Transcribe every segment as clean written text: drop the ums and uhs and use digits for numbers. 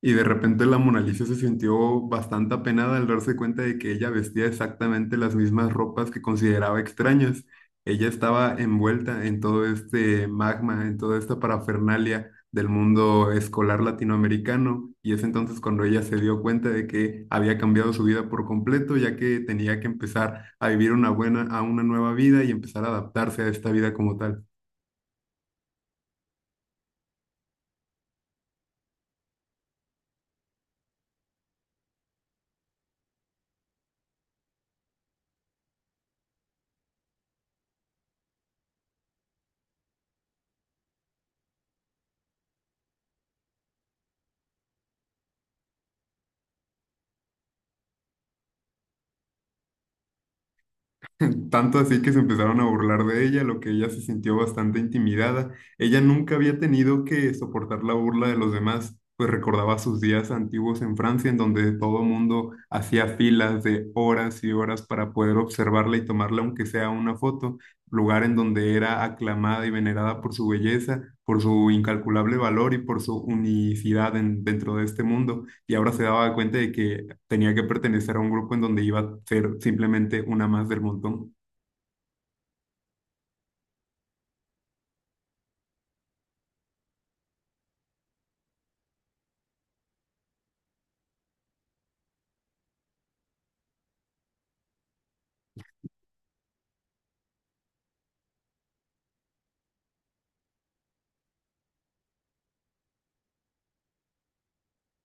Y de repente la Mona Lisa se sintió bastante apenada al darse cuenta de que ella vestía exactamente las mismas ropas que consideraba extrañas. Ella estaba envuelta en todo este magma, en toda esta parafernalia del mundo escolar latinoamericano, y es entonces cuando ella se dio cuenta de que había cambiado su vida por completo, ya que tenía que empezar a vivir a una nueva vida y empezar a adaptarse a esta vida como tal. Tanto así que se empezaron a burlar de ella, lo que ella se sintió bastante intimidada. Ella nunca había tenido que soportar la burla de los demás, pues recordaba sus días antiguos en Francia, en donde todo mundo hacía filas de horas y horas para poder observarla y tomarla, aunque sea una foto, lugar en donde era aclamada y venerada por su belleza, por su incalculable valor y por su unicidad dentro de este mundo. Y ahora se daba cuenta de que tenía que pertenecer a un grupo en donde iba a ser simplemente una más del montón.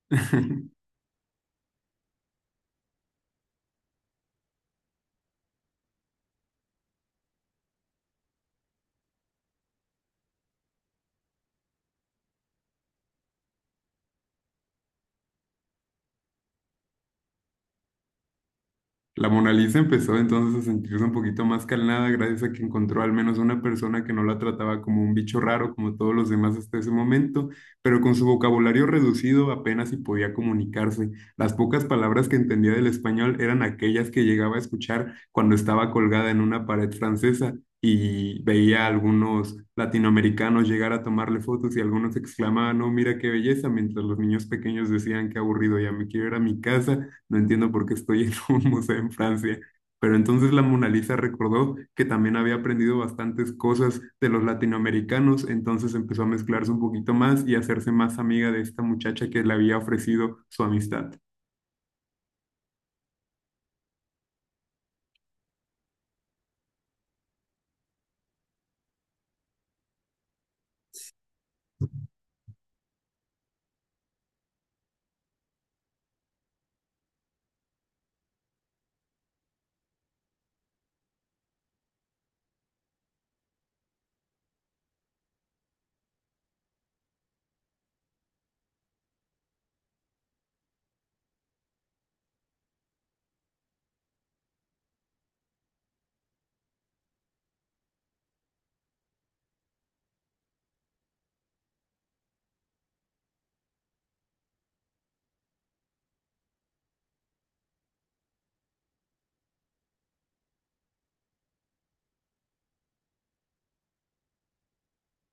La Mona Lisa empezó entonces a sentirse un poquito más calmada gracias a que encontró al menos una persona que no la trataba como un bicho raro como todos los demás hasta ese momento, pero con su vocabulario reducido apenas si podía comunicarse. Las pocas palabras que entendía del español eran aquellas que llegaba a escuchar cuando estaba colgada en una pared francesa y veía a algunos latinoamericanos llegar a tomarle fotos, y algunos exclamaban: "No, mira qué belleza", mientras los niños pequeños decían: "Qué aburrido, ya me quiero ir a mi casa, no entiendo por qué estoy en un museo en Francia". Pero entonces la Mona Lisa recordó que también había aprendido bastantes cosas de los latinoamericanos, entonces empezó a mezclarse un poquito más y a hacerse más amiga de esta muchacha que le había ofrecido su amistad.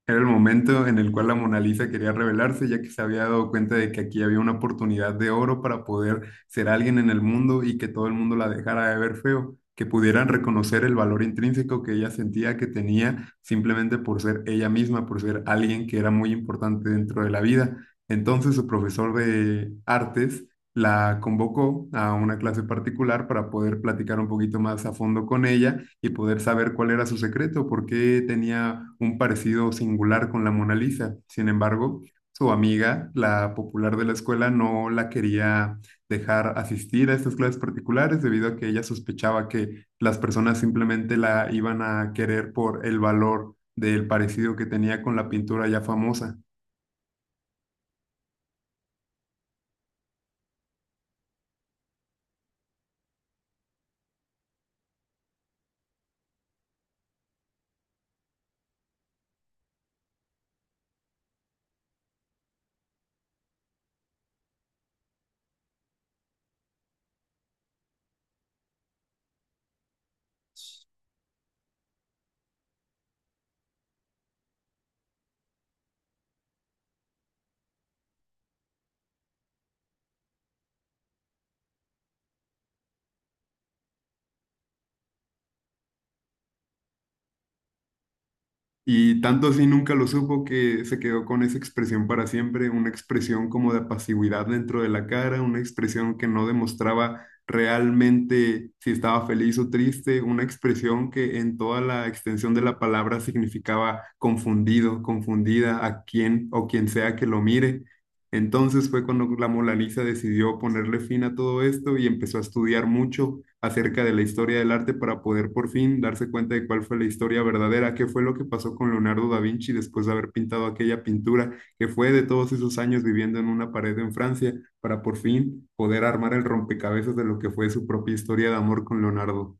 Era el momento en el cual la Mona Lisa quería rebelarse, ya que se había dado cuenta de que aquí había una oportunidad de oro para poder ser alguien en el mundo y que todo el mundo la dejara de ver feo, que pudieran reconocer el valor intrínseco que ella sentía que tenía, simplemente por ser ella misma, por ser alguien que era muy importante dentro de la vida. Entonces su profesor de artes la convocó a una clase particular para poder platicar un poquito más a fondo con ella y poder saber cuál era su secreto, por qué tenía un parecido singular con la Mona Lisa. Sin embargo, su amiga, la popular de la escuela, no la quería dejar asistir a estas clases particulares debido a que ella sospechaba que las personas simplemente la iban a querer por el valor del parecido que tenía con la pintura ya famosa. Y tanto así nunca lo supo, que se quedó con esa expresión para siempre, una expresión como de pasividad dentro de la cara, una expresión que no demostraba realmente si estaba feliz o triste, una expresión que en toda la extensión de la palabra significaba confundido, confundida a quien o quien sea que lo mire. Entonces fue cuando la Mona Lisa decidió ponerle fin a todo esto y empezó a estudiar mucho acerca de la historia del arte para poder por fin darse cuenta de cuál fue la historia verdadera, qué fue lo que pasó con Leonardo da Vinci después de haber pintado aquella pintura, que fue de todos esos años viviendo en una pared en Francia, para por fin poder armar el rompecabezas de lo que fue su propia historia de amor con Leonardo.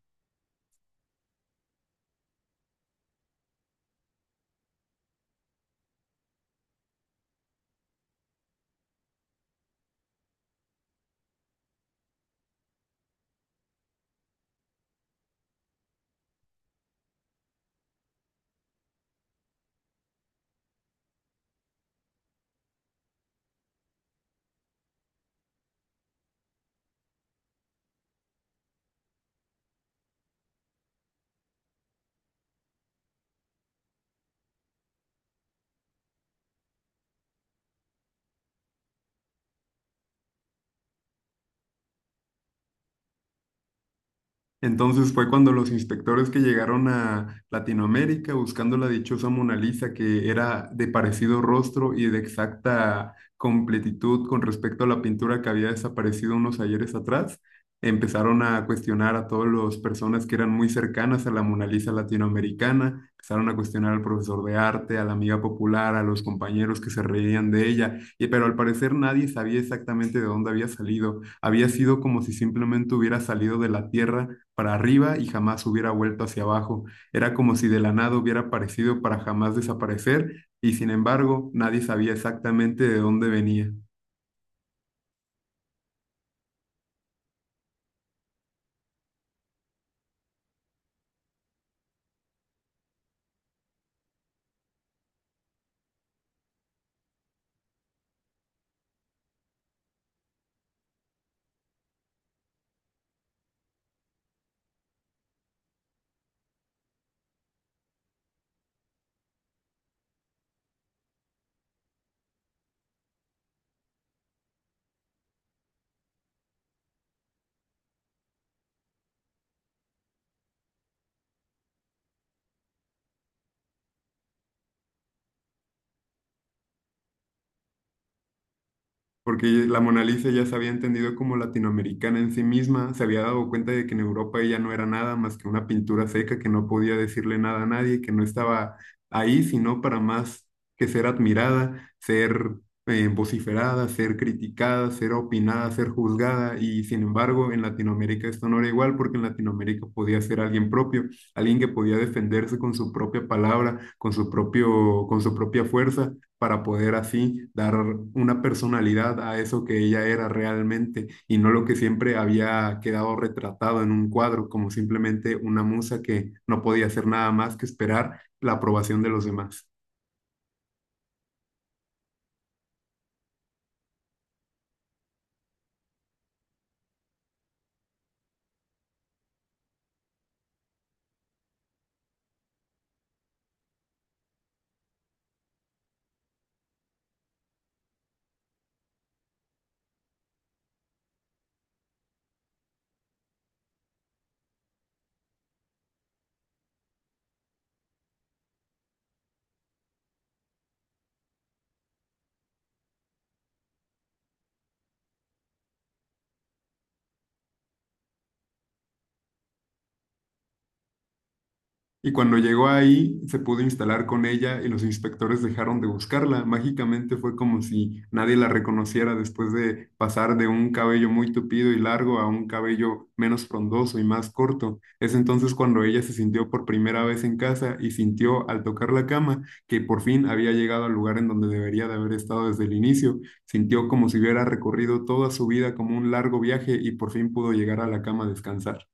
Entonces fue cuando los inspectores que llegaron a Latinoamérica buscando la dichosa Mona Lisa, que era de parecido rostro y de exacta completitud con respecto a la pintura que había desaparecido unos ayeres atrás, empezaron a cuestionar a todas las personas que eran muy cercanas a la Mona Lisa latinoamericana. Empezaron a cuestionar al profesor de arte, a la amiga popular, a los compañeros que se reían de ella, y, pero al parecer nadie sabía exactamente de dónde había salido. Había sido como si simplemente hubiera salido de la tierra para arriba y jamás hubiera vuelto hacia abajo. Era como si de la nada hubiera aparecido para jamás desaparecer, y sin embargo nadie sabía exactamente de dónde venía. Porque la Mona Lisa ya se había entendido como latinoamericana en sí misma, se había dado cuenta de que en Europa ella no era nada más que una pintura seca que no podía decirle nada a nadie, que no estaba ahí sino para más que ser admirada, ser vociferada, ser criticada, ser opinada, ser juzgada, y sin embargo en Latinoamérica esto no era igual, porque en Latinoamérica podía ser alguien propio, alguien que podía defenderse con su propia palabra, con su propia fuerza, para poder así dar una personalidad a eso que ella era realmente y no lo que siempre había quedado retratado en un cuadro, como simplemente una musa que no podía hacer nada más que esperar la aprobación de los demás. Y cuando llegó ahí, se pudo instalar con ella y los inspectores dejaron de buscarla. Mágicamente fue como si nadie la reconociera, después de pasar de un cabello muy tupido y largo a un cabello menos frondoso y más corto. Es entonces cuando ella se sintió por primera vez en casa y sintió al tocar la cama que por fin había llegado al lugar en donde debería de haber estado desde el inicio. Sintió como si hubiera recorrido toda su vida como un largo viaje y por fin pudo llegar a la cama a descansar.